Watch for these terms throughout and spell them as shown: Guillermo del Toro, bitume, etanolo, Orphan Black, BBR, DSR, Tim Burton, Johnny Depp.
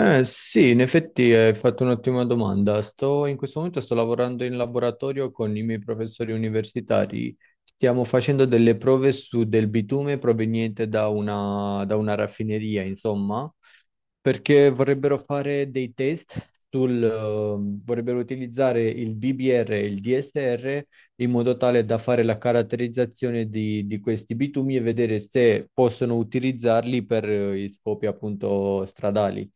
Sì, in effetti hai fatto un'ottima domanda. In questo momento sto lavorando in laboratorio con i miei professori universitari. Stiamo facendo delle prove su del bitume proveniente da una raffineria, insomma, perché vorrebbero fare dei test vorrebbero utilizzare il BBR e il DSR in modo tale da fare la caratterizzazione di questi bitumi e vedere se possono utilizzarli per gli scopi appunto stradali.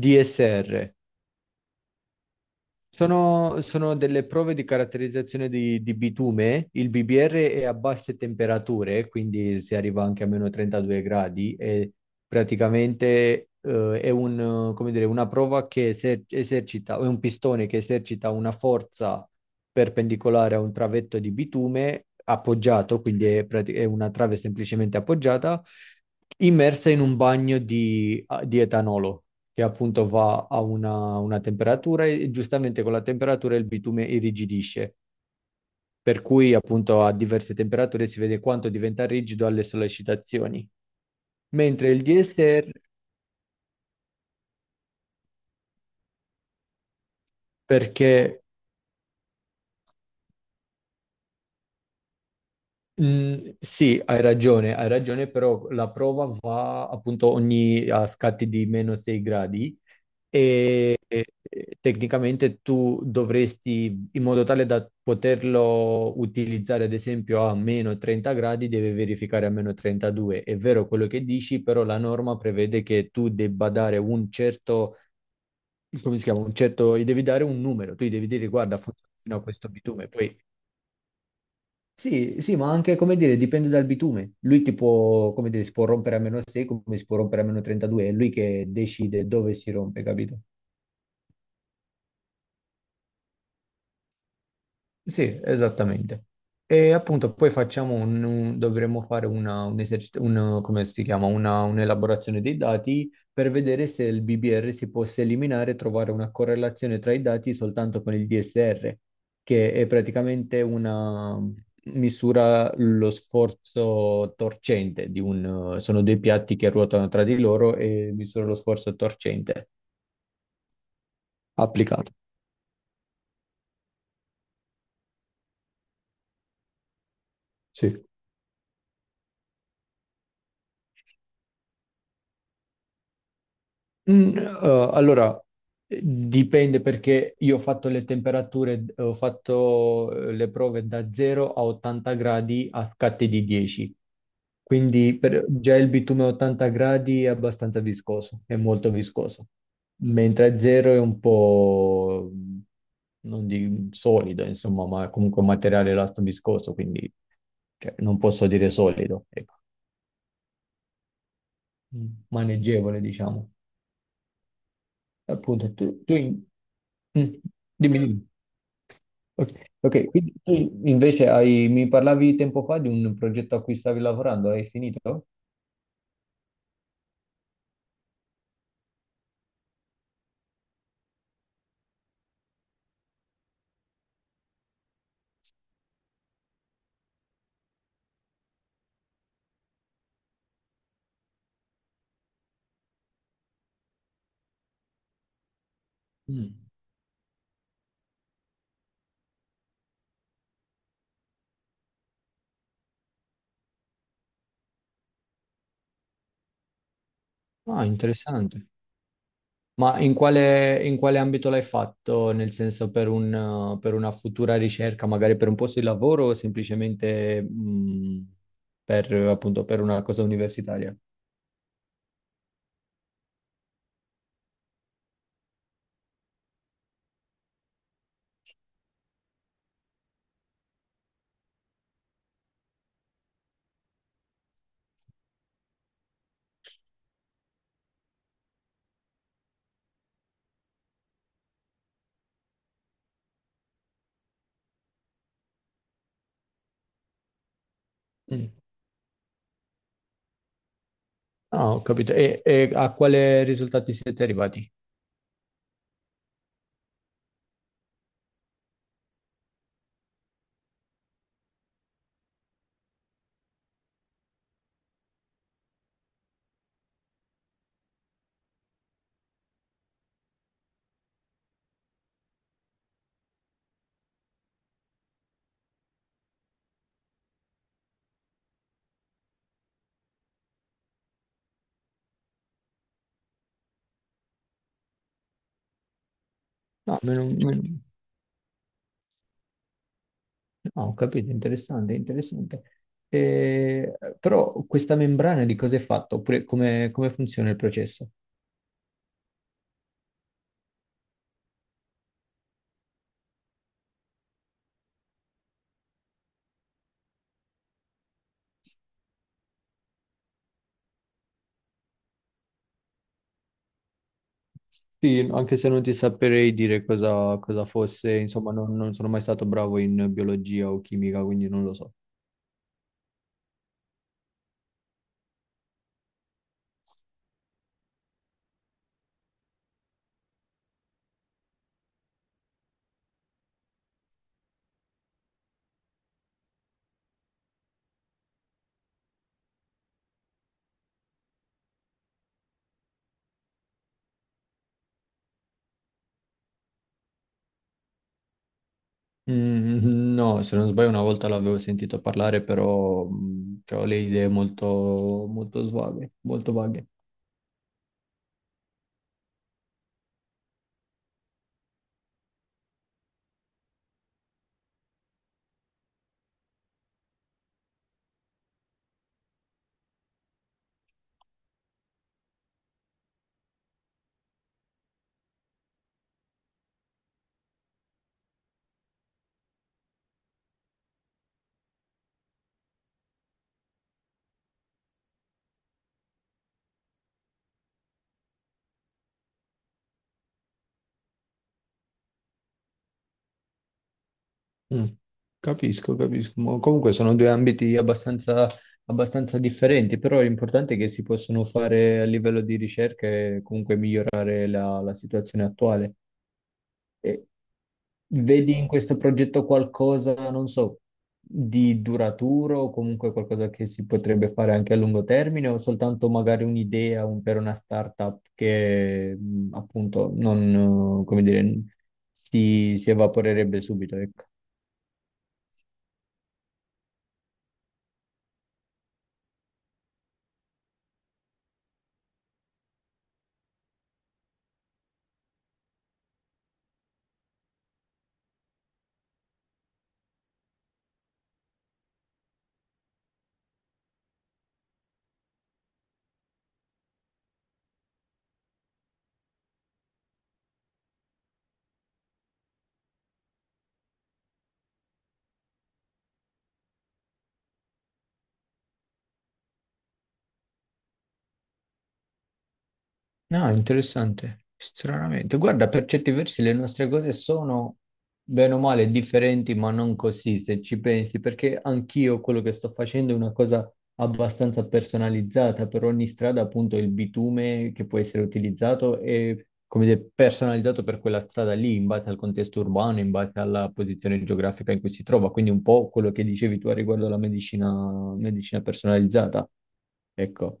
DSR. Sono delle prove di caratterizzazione di bitume. Il BBR è a basse temperature, quindi si arriva anche a meno 32 gradi e praticamente come dire, una prova che esercita, è un pistone che esercita una forza perpendicolare a un travetto di bitume appoggiato, quindi è una trave semplicemente appoggiata, immersa in un bagno di etanolo che appunto va a una temperatura e giustamente con la temperatura il bitume irrigidisce, per cui appunto a diverse temperature si vede quanto diventa rigido alle sollecitazioni. Mentre il DSR, perché sì, hai ragione, però la prova va appunto ogni a scatti di meno 6 gradi e tecnicamente tu dovresti, in modo tale da poterlo utilizzare ad esempio a meno 30 gradi, deve verificare a meno 32. È vero quello che dici, però la norma prevede che tu debba dare un certo come si chiama, un certo, gli devi dare un numero, tu gli devi dire guarda, funziona fino a questo bitume, poi sì, sì, ma anche, come dire, dipende dal bitume. Lui ti può, come dire, si può rompere a meno 6, come si può rompere a meno 32, è lui che decide dove si rompe, capito? Sì, esattamente. E appunto poi facciamo dovremmo fare una, un esercit- un- come si chiama? Un'elaborazione dei dati per vedere se il BBR si possa eliminare e trovare una correlazione tra i dati soltanto con il DSR, che è praticamente una misura lo sforzo torcente sono due piatti che ruotano tra di loro e misura lo sforzo torcente applicato. Sì. Allora, dipende perché io ho fatto le temperature, ho fatto le prove da 0 a 80 gradi a scatte di 10, quindi già il bitume a 80 gradi è abbastanza viscoso, è molto viscoso, mentre a 0 è un po', non di solido, insomma, ma comunque un materiale elasto viscoso, quindi cioè, non posso dire solido, ecco. Maneggevole, diciamo. Appunto tu mm, dimmi, dimmi. Ok, ok, quindi tu invece hai, mi parlavi tempo fa di un progetto a cui stavi lavorando, l'hai finito? Mm. Ah, interessante. Ma in quale ambito l'hai fatto? Nel senso per una futura ricerca, magari per un posto di lavoro o semplicemente per, appunto, per una cosa universitaria? Mm. Ah, ho capito. E a quale risultati siete arrivati? No, meno, meno. No, ho capito, interessante, interessante. Però questa membrana di cosa è fatta? Oppure come funziona il processo? Sì, anche se non ti saprei dire cosa fosse, insomma, non sono mai stato bravo in biologia o chimica, quindi non lo so. Mm, no, se non sbaglio una volta l'avevo sentito parlare, però cioè, ho le idee molto, molto svaghe, molto vaghe. Mm, Capisco, capisco. Ma comunque sono due ambiti abbastanza differenti, però l'importante è che si possano fare a livello di ricerca e comunque migliorare la situazione attuale. E vedi in questo progetto qualcosa, non so, di duraturo o comunque qualcosa che si potrebbe fare anche a lungo termine o soltanto magari un'idea per una startup che appunto non, come dire, si evaporerebbe subito, ecco. No, interessante, stranamente. Guarda, per certi versi le nostre cose sono bene o male differenti, ma non così, se ci pensi, perché anch'io quello che sto facendo è una cosa abbastanza personalizzata. Per ogni strada, appunto, il bitume che può essere utilizzato è, come dire, personalizzato per quella strada lì, in base al contesto urbano, in base alla posizione geografica in cui si trova. Quindi un po' quello che dicevi tu a riguardo alla medicina, medicina personalizzata. Ecco.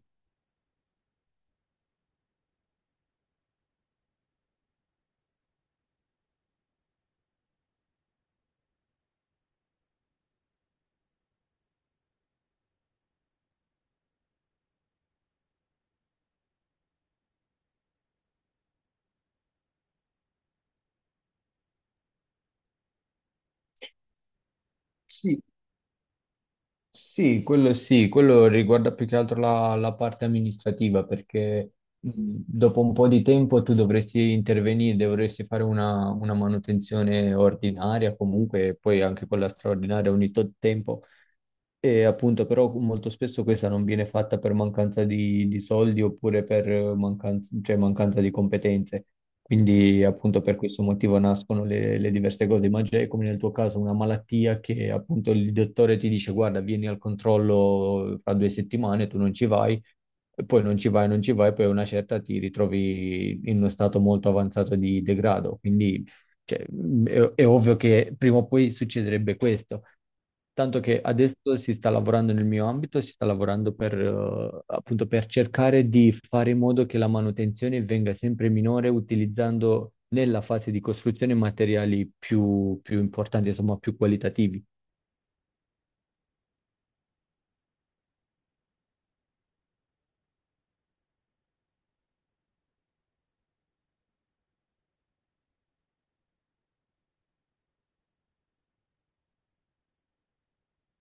Sì, sì, quello sì, quello riguarda più che altro la parte amministrativa, perché mh, dopo un po' di tempo tu dovresti intervenire, dovresti fare una manutenzione ordinaria comunque, e poi anche quella straordinaria ogni tot tempo. E appunto, però molto spesso questa non viene fatta per mancanza di soldi oppure per mancanza, cioè mancanza di competenze. Quindi appunto per questo motivo nascono le diverse cose, ma già è come nel tuo caso una malattia che appunto il dottore ti dice guarda, vieni al controllo fra 2 settimane, tu non ci vai, e poi non ci vai, non ci vai, poi a una certa ti ritrovi in uno stato molto avanzato di degrado. Quindi cioè, è ovvio che prima o poi succederebbe questo. Tanto che adesso si sta lavorando nel mio ambito, si sta lavorando per, appunto, per cercare di fare in modo che la manutenzione venga sempre minore utilizzando nella fase di costruzione materiali più, più importanti, insomma, più qualitativi.